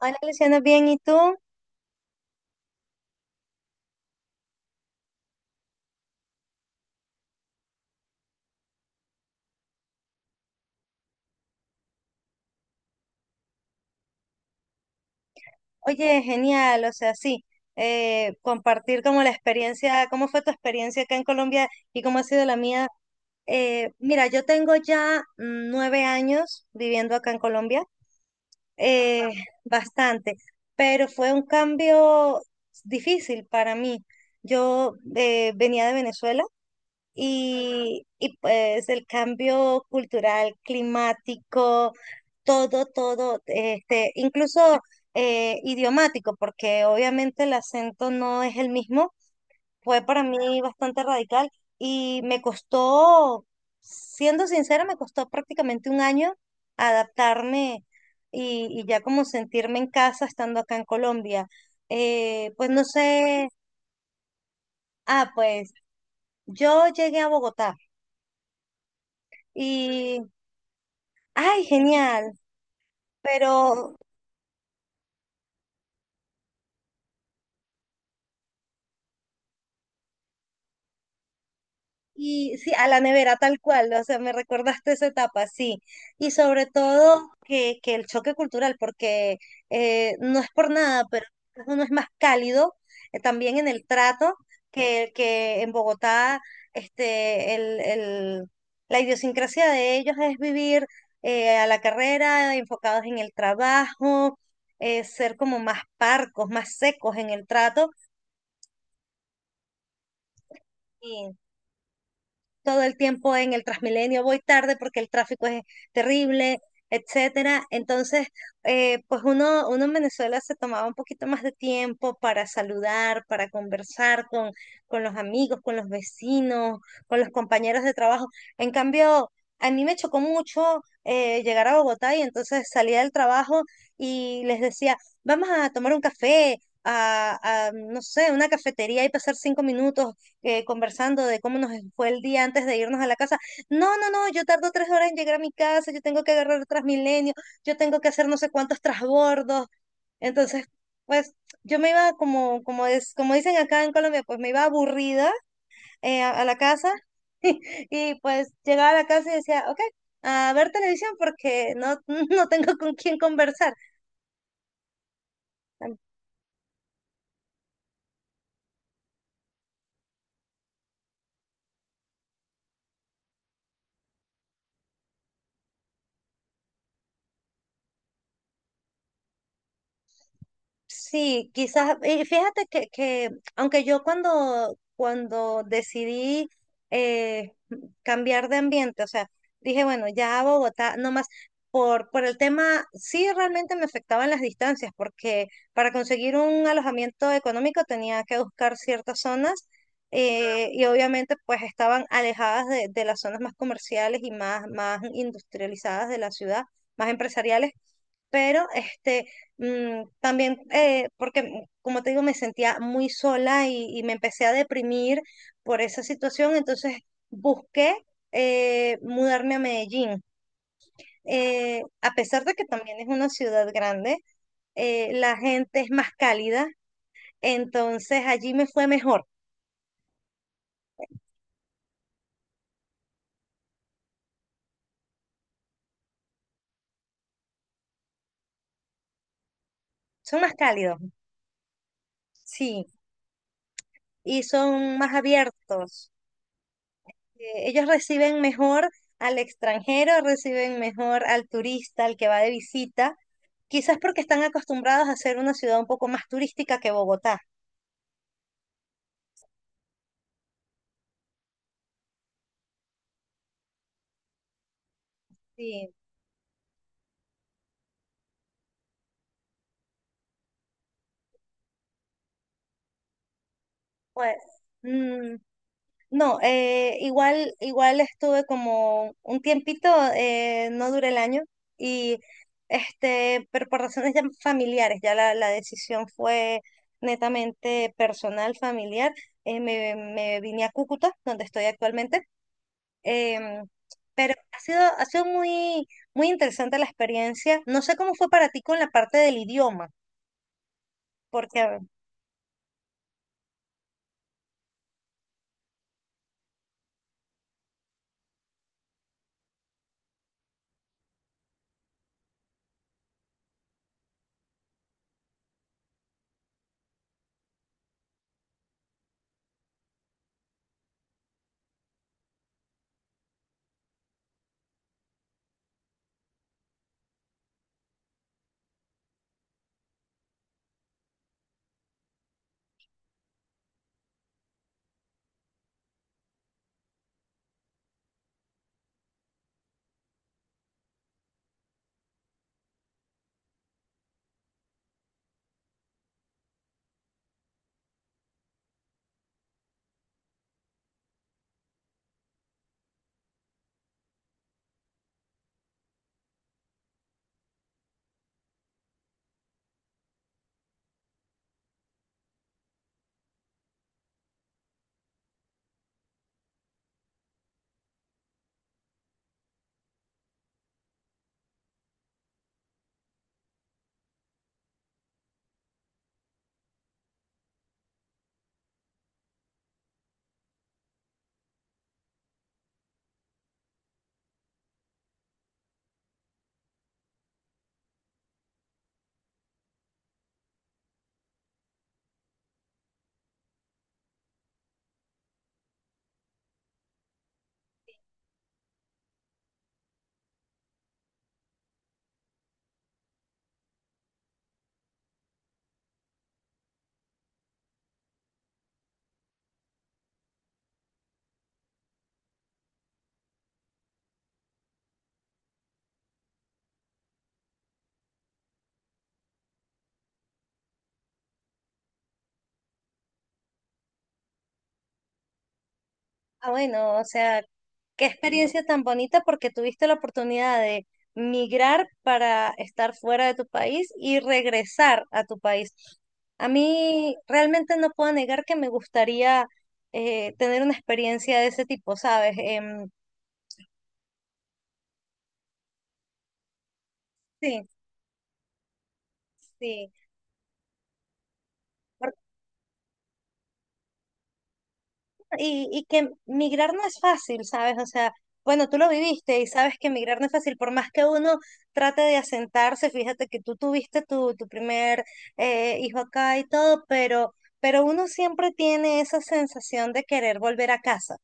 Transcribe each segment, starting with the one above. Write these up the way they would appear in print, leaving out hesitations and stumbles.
Hola Luciana, bien, ¿y tú? Oye, genial, o sea, sí, compartir como la experiencia, cómo fue tu experiencia acá en Colombia y cómo ha sido la mía. Mira, yo tengo ya 9 años viviendo acá en Colombia, eh, bastante, pero fue un cambio difícil para mí. Yo venía de Venezuela y pues el cambio cultural, climático todo, incluso idiomático, porque obviamente el acento no es el mismo, fue para mí bastante radical y me costó, siendo sincera, me costó prácticamente 1 año adaptarme y ya como sentirme en casa estando acá en Colombia. Pues no sé, pues yo llegué a Bogotá y, ay, genial, pero y sí, a la nevera tal cual, o sea, me recordaste esa etapa, sí. Y sobre todo que el choque cultural, porque no es por nada, pero uno es más cálido también en el trato que en Bogotá, este, la idiosincrasia de ellos es vivir a la carrera, enfocados en el trabajo, ser como más parcos, más secos en el trato. Todo el tiempo en el Transmilenio, voy tarde porque el tráfico es terrible, etcétera. Entonces, pues uno en Venezuela se tomaba un poquito más de tiempo para saludar, para conversar con los amigos, con los vecinos, con los compañeros de trabajo. En cambio, a mí me chocó mucho llegar a Bogotá y entonces salía del trabajo y les decía, vamos a tomar un café. No sé, una cafetería y pasar 5 minutos conversando de cómo nos fue el día antes de irnos a la casa. No, no, no, yo tardo 3 horas en llegar a mi casa, yo tengo que agarrar el Transmilenio, yo tengo que hacer no sé cuántos trasbordos. Entonces, pues yo me iba como, como es, como dicen acá en Colombia, pues me iba aburrida a la casa y pues llegaba a la casa y decía, ok, a ver televisión porque no, no tengo con quién conversar. Sí, quizás, y fíjate que aunque yo cuando decidí eh, cambiar de ambiente, o sea, dije, bueno, ya a Bogotá, no más, por el tema, sí realmente me afectaban las distancias, porque para conseguir un alojamiento económico tenía que buscar ciertas zonas y obviamente pues estaban alejadas de las zonas más comerciales y más, más industrializadas de la ciudad, más empresariales pero este, también, porque como te digo, me sentía muy sola y me empecé a deprimir por esa situación, entonces busqué mudarme a Medellín. A pesar de que también es una ciudad grande, la gente es más cálida, entonces allí me fue mejor. Son más cálidos, sí, y son más abiertos. Ellos reciben mejor al extranjero, reciben mejor al turista, al que va de visita. Quizás porque están acostumbrados a ser una ciudad un poco más turística que Bogotá. Sí, pues, mm, no, igual, igual estuve como un tiempito, no duré el año, y este, pero por razones ya familiares, ya la decisión fue netamente personal, familiar. Me vine a Cúcuta, donde estoy actualmente. em, pero ha sido muy, muy interesante la experiencia. No sé cómo fue para ti con la parte del idioma. Porque bueno, o sea, qué experiencia tan bonita porque tuviste la oportunidad de migrar para estar fuera de tu país y regresar a tu país. A mí realmente no puedo negar que me gustaría tener una experiencia de ese tipo, ¿sabes? Sí, sí, y que migrar no es fácil, ¿sabes? O sea, bueno, tú lo viviste y sabes que migrar no es fácil, por más que uno trate de asentarse, fíjate que tú tuviste tu, tu primer hijo acá y todo, pero uno siempre tiene esa sensación de querer volver a casa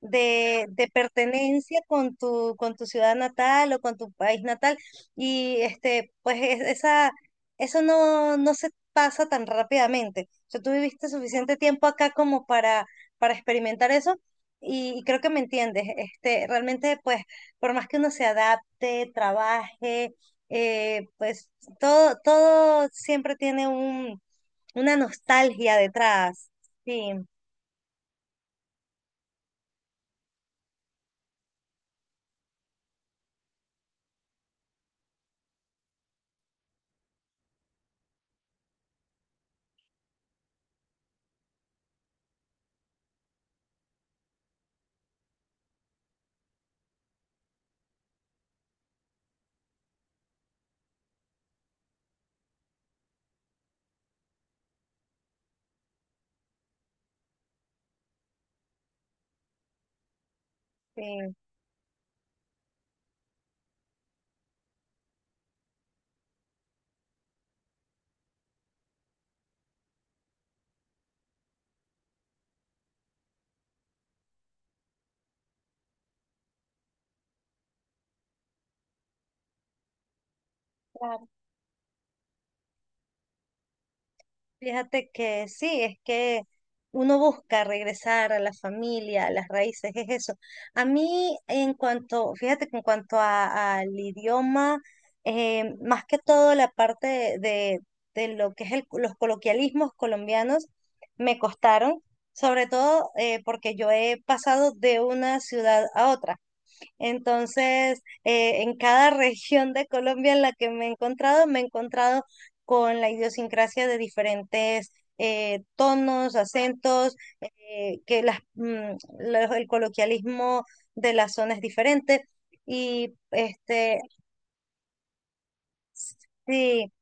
de pertenencia con tu ciudad natal o con tu país natal. Y este, pues esa, eso no, no se pasa tan rápidamente. O sea, tú viviste suficiente tiempo acá como para experimentar eso. Y creo que me entiendes. Este, realmente, pues, por más que uno se adapte, trabaje, pues todo, todo siempre tiene un, una nostalgia detrás. Sí, sí, fíjate que sí, es que uno busca regresar a la familia, a las raíces, es eso. A mí, en cuanto, fíjate que en cuanto al idioma, más que todo la parte de lo que es los coloquialismos colombianos, me costaron, sobre todo porque yo he pasado de una ciudad a otra. Entonces, en cada región de Colombia en la que me he encontrado con la idiosincrasia de diferentes tonos, acentos, que las, el coloquialismo de la zona es diferente. Y este, sí,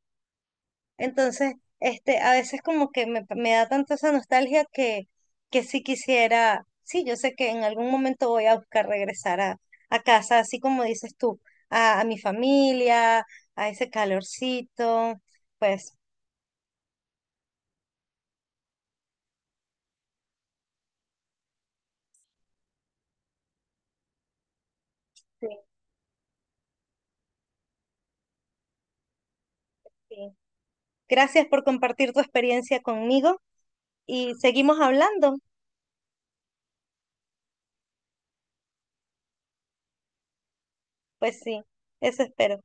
entonces, este, a veces como que me da tanto esa nostalgia que sí quisiera, sí, yo sé que en algún momento voy a buscar regresar a casa, así como dices tú, a mi familia, a ese calorcito, pues sí, sí. Gracias por compartir tu experiencia conmigo y seguimos hablando, pues sí, eso espero.